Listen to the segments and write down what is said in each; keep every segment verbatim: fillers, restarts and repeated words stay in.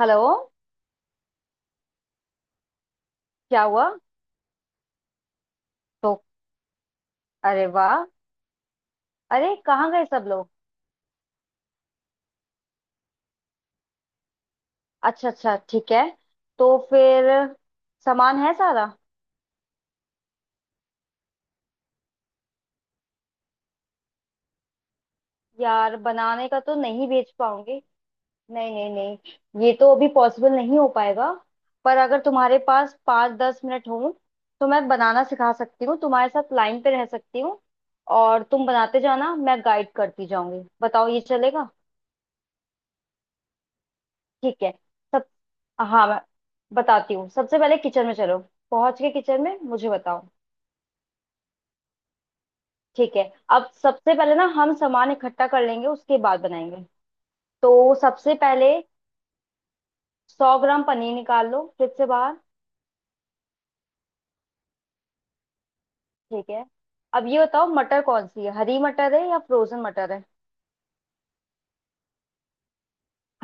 Hello. क्या हुआ? तो अरे वाह। अरे कहाँ गए सब लोग? अच्छा अच्छा, ठीक है। तो फिर सामान है सारा? यार, बनाने का तो नहीं बेच पाऊंगी। नहीं नहीं नहीं, ये तो अभी पॉसिबल नहीं हो पाएगा। पर अगर तुम्हारे पास पाँच दस मिनट हो तो मैं बनाना सिखा सकती हूँ, तुम्हारे साथ लाइन पे रह सकती हूँ और तुम बनाते जाना, मैं गाइड करती जाऊंगी। बताओ ये चलेगा? ठीक है, हाँ मैं बताती हूँ। सबसे पहले किचन में चलो, पहुंच के किचन में मुझे बताओ। ठीक है। अब सबसे पहले ना हम सामान इकट्ठा कर लेंगे, उसके बाद बनाएंगे। तो सबसे पहले सौ ग्राम पनीर निकाल लो फ्रिज से बाहर। ठीक है। अब ये बताओ, मटर कौन सी है, हरी मटर है या फ्रोजन मटर है?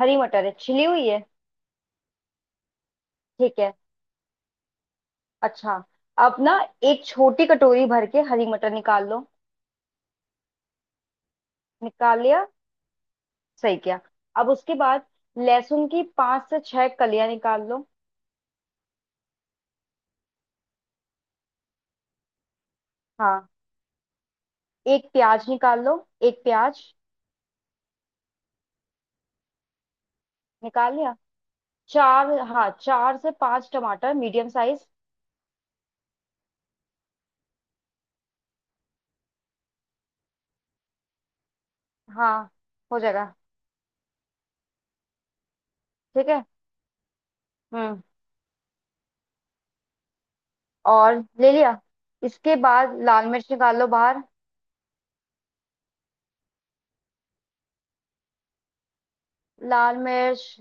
हरी मटर है, छिली हुई है? ठीक है, अच्छा। अब ना एक छोटी कटोरी भर के हरी मटर निकाल लो। निकाल लिया, सही किया। अब उसके बाद लहसुन की पांच से छह कलियां निकाल लो। हाँ, एक प्याज निकाल लो, एक प्याज। निकाल लिया। चार, हाँ चार से पांच टमाटर मीडियम साइज। हाँ हो जाएगा। ठीक है। हम्म, और ले लिया। इसके बाद लाल मिर्च निकाल लो बाहर। लाल मिर्च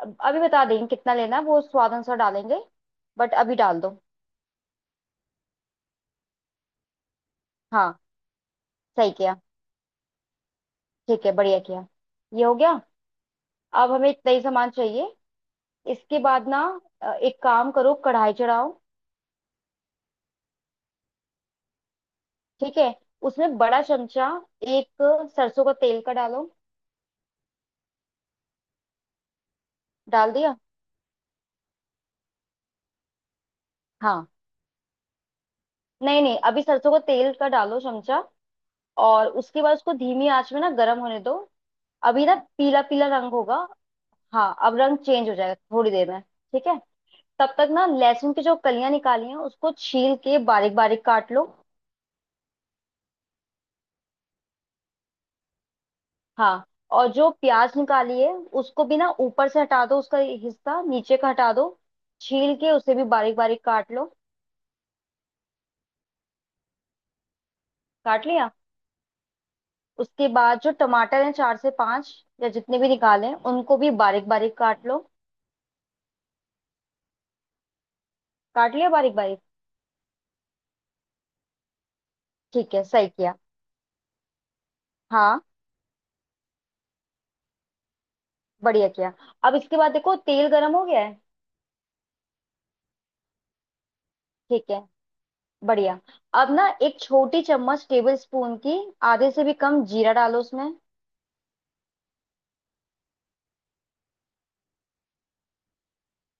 अब- अभी बता देंगे कितना लेना है, वो स्वाद अनुसार डालेंगे, बट अभी डाल दो। हाँ, सही किया, ठीक है, बढ़िया किया। ये हो गया। अब हमें इतना ही सामान चाहिए। इसके बाद ना, अ, एक काम करो, कढ़ाई चढ़ाओ। ठीक है। उसमें बड़ा चमचा एक सरसों का तेल का डालो। डाल दिया, हाँ। नहीं नहीं, अभी सरसों का तेल का डालो चमचा। और उसके बाद उसको धीमी आंच में ना गर्म होने दो। अभी ना पीला पीला रंग होगा। हाँ अब रंग चेंज हो जाएगा थोड़ी देर में, ठीक है। तब तक ना लहसुन की जो कलियां निकाली हैं उसको छील के बारीक बारीक काट लो। हाँ, और जो प्याज निकाली है उसको भी ना ऊपर से हटा दो, उसका हिस्सा नीचे का हटा दो, छील के उसे भी बारीक बारीक काट लो। काट लिया। उसके बाद जो टमाटर हैं चार से पांच या जितने भी निकाले हैं उनको भी बारीक बारीक काट लो। काट लिया बारीक बारीक। ठीक है, सही किया, हाँ बढ़िया किया। अब इसके बाद देखो तेल गर्म हो गया है। ठीक है, बढ़िया। अब ना एक छोटी चम्मच टेबल स्पून की, आधे से भी कम जीरा डालो उसमें।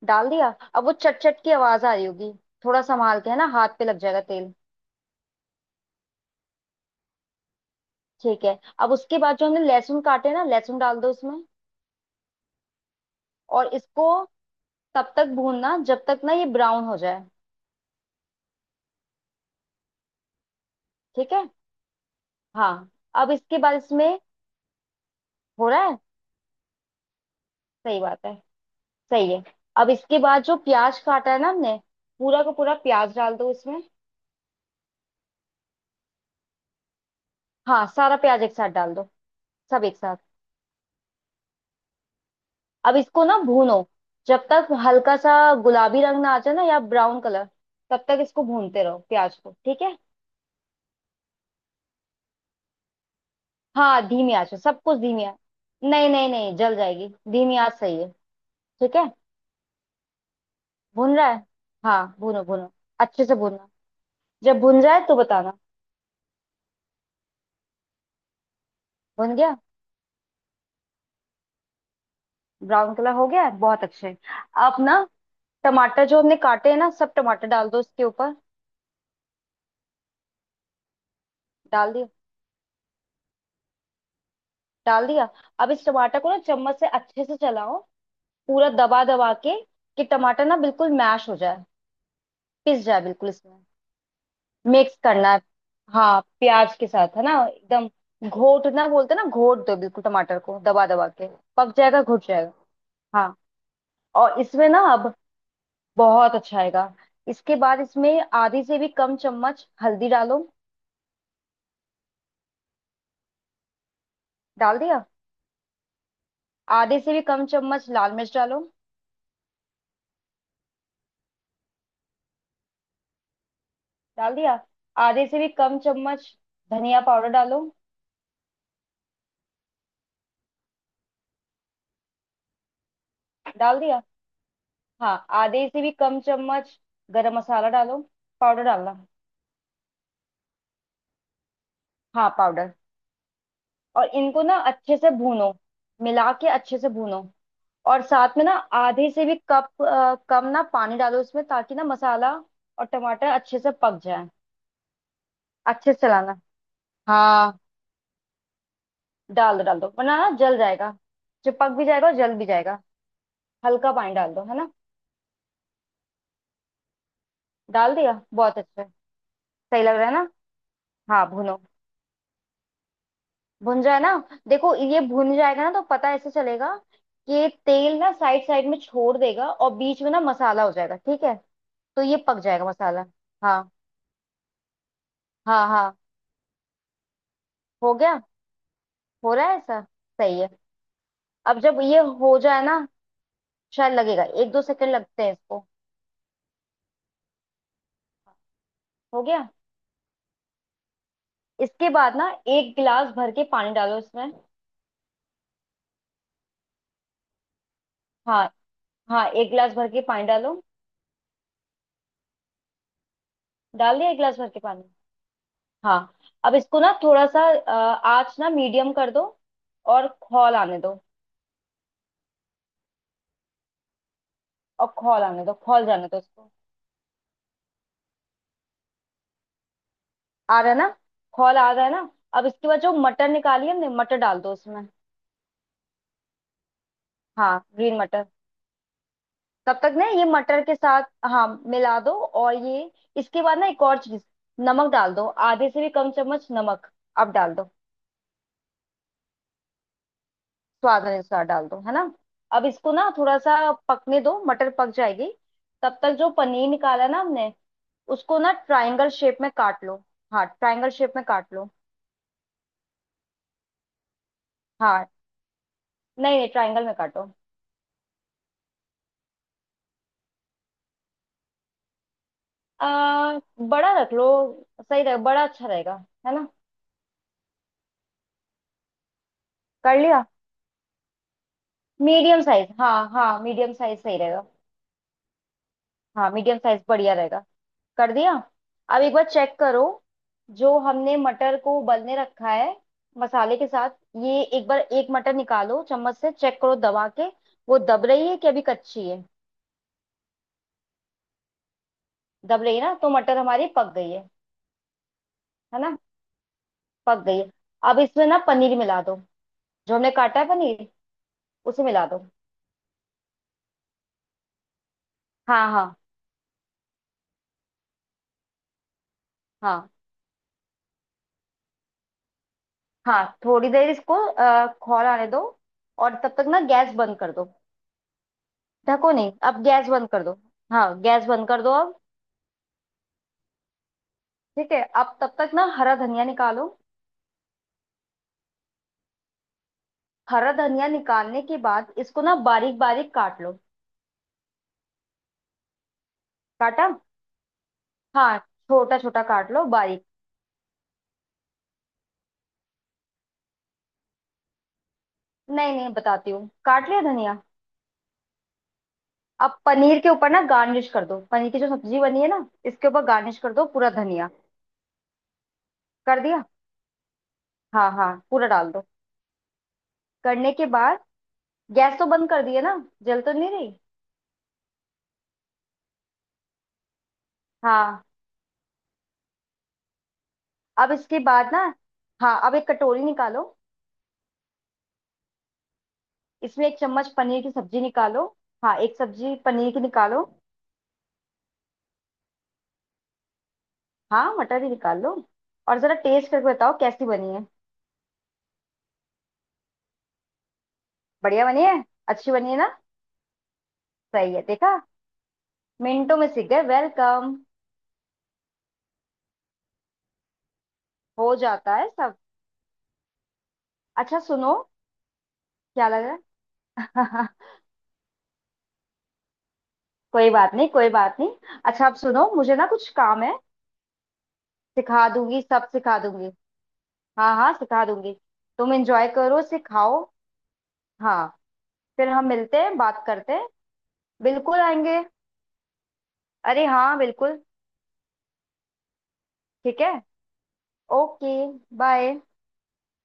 डाल दिया। अब वो चट चट की आवाज आ रही होगी, थोड़ा संभाल के है ना, हाथ पे लग जाएगा तेल। ठीक है, अब उसके बाद जो हमने लहसुन काटे हैं ना, लहसुन डाल दो उसमें। और इसको तब तक भूनना जब तक ना ये ब्राउन हो जाए। ठीक है, हाँ। अब इसके बाद इसमें हो रहा है, सही बात है, सही है। अब इसके बाद जो प्याज काटा है ना हमने, पूरा का पूरा प्याज डाल दो इसमें। हाँ सारा प्याज एक साथ डाल दो, सब एक साथ। अब इसको ना भूनो जब तक हल्का सा गुलाबी रंग ना आ जाए ना या ब्राउन कलर, तब तक इसको भूनते रहो प्याज को, ठीक है। हाँ धीमी आंच पे, सब कुछ धीमी आंच। नहीं नहीं नहीं जल जाएगी, धीमी आंच सही है, ठीक है। भून रहा है, हाँ भूनो भूनो। अच्छे से भूनना, जब भून जाए तो बताना। भून गया, ब्राउन कलर हो गया है, बहुत अच्छे। अब ना टमाटर जो हमने काटे हैं ना सब टमाटर डाल दो इसके ऊपर। डाल दिया, डाल दिया। अब इस टमाटर को ना चम्मच से अच्छे से चलाओ, पूरा दबा दबा के कि टमाटर ना बिल्कुल मैश हो जाए, पिस जाए बिल्कुल इसमें। मिक्स करना है, हाँ प्याज के साथ है ना एकदम। घोटना बोलते हैं ना, घोट दो बिल्कुल टमाटर को दबा दबा के। पक जाएगा, घुट जाएगा, हाँ। और इसमें ना अब बहुत अच्छा आएगा। इसके बाद इसमें आधी से भी कम चम्मच हल्दी डालो। डाल दिया। आधे से भी कम चम्मच लाल मिर्च डालो। डाल दिया। आधे से भी कम चम्मच धनिया पाउडर डालो। डाल दिया, हाँ। आधे से भी कम चम्मच गरम मसाला डालो, पाउडर डालना। हाँ पाउडर। और इनको ना अच्छे से भूनो, मिला के अच्छे से भूनो। और साथ में ना आधे से भी कप अ, कम ना पानी डालो इसमें ताकि ना मसाला और टमाटर अच्छे से पक जाए। अच्छे से चलाना, हाँ डाल दो डाल दो वरना ना जल जाएगा, जो पक भी जाएगा और जल भी जाएगा। हल्का पानी डाल दो है ना। डाल दिया, बहुत अच्छा है। सही लग रहा है ना? हाँ भुनो, भुन जाए ना। देखो ये भुन जाएगा ना तो पता ऐसे चलेगा कि ये तेल ना साइड साइड में छोड़ देगा और बीच में ना मसाला हो जाएगा, ठीक है। तो ये पक जाएगा मसाला, हाँ हाँ हाँ। हो गया, हो रहा है ऐसा, सही है। अब जब ये हो जाए ना, शायद लगेगा, एक दो सेकंड लगते हैं इसको। हो गया। इसके बाद ना एक गिलास भर के पानी डालो इसमें। हाँ हाँ, एक गिलास भर के पानी डालो। डाल दिया एक गिलास भर के पानी। हाँ, अब इसको ना थोड़ा सा अ, आँच ना मीडियम कर दो और खौल आने दो। और खौल आने दो, खौल जाने दो इसको। आ रहा है ना, खौल आ रहा है ना। अब इसके बाद जो मटर निकाली हमने, मटर डाल दो उसमें। हाँ ग्रीन मटर। तब तक ना ये मटर के साथ, हाँ मिला दो। और ये, इसके बाद ना एक और चीज, नमक डाल दो, आधे से भी कम चम्मच नमक अब डाल दो, स्वाद अनुसार डाल दो है ना। अब इसको ना थोड़ा सा पकने दो, मटर पक जाएगी, तब तक जो पनीर निकाला ना हमने उसको ना ट्रायंगल शेप में काट लो। हाँ ट्रायंगल शेप में काट लो। हाँ नहीं नहीं ट्रायंगल में काटो। आ, बड़ा रख लो, सही रहेगा, बड़ा अच्छा रहेगा, है ना। कर लिया, मीडियम साइज, हाँ हाँ मीडियम साइज सही रहेगा। हाँ मीडियम साइज बढ़िया रहेगा। कर दिया। अब एक बार चेक करो, जो हमने मटर को उबलने रखा है मसाले के साथ, ये एक बार एक मटर निकालो चम्मच से, चेक करो दबा के, वो दब रही है कि अभी कच्ची है। दब रही है ना, तो मटर हमारी पक गई है है ना, पक गई है। अब इसमें ना पनीर मिला दो, जो हमने काटा है पनीर उसे मिला दो। हाँ हाँ हाँ, हाँ थोड़ी देर इसको अ, खौल आने दो और तब तक ना गैस बंद कर दो। ढको नहीं, अब गैस बंद कर दो, हाँ गैस बंद कर दो अब। ठीक है, अब तब तक ना हरा धनिया निकालो। हरा धनिया निकालने के बाद इसको ना बारीक बारीक काट लो। काटा, हाँ छोटा छोटा काट लो बारीक। नहीं नहीं बताती हूँ, काट लिया धनिया। अब पनीर के ऊपर ना गार्निश कर दो, पनीर की जो सब्जी बनी है ना इसके ऊपर गार्निश कर दो पूरा धनिया। कर दिया, हाँ हाँ पूरा डाल दो। करने के बाद गैस तो बंद कर दिया ना, जल तो नहीं रही? हाँ। अब इसके बाद ना, हाँ अब एक कटोरी निकालो, इसमें एक चम्मच पनीर की सब्जी निकालो। हाँ एक सब्जी पनीर की निकालो। हाँ मटर भी निकाल लो, और जरा टेस्ट करके बताओ कैसी बनी है। बढ़िया बनी है, अच्छी बनी है ना, सही है। देखा, मिनटों में सीख गए, वेलकम। हो जाता है सब। अच्छा सुनो, क्या लग रहा है? कोई बात नहीं, कोई बात नहीं। अच्छा, अब सुनो, मुझे ना कुछ काम है। सिखा दूंगी, सब सिखा दूंगी, हाँ हाँ सिखा दूंगी। तुम एंजॉय करो, सिखाओ। हाँ। फिर हम मिलते हैं, बात करते हैं। बिल्कुल आएंगे, अरे हाँ बिल्कुल। ठीक है, ओके, बाय।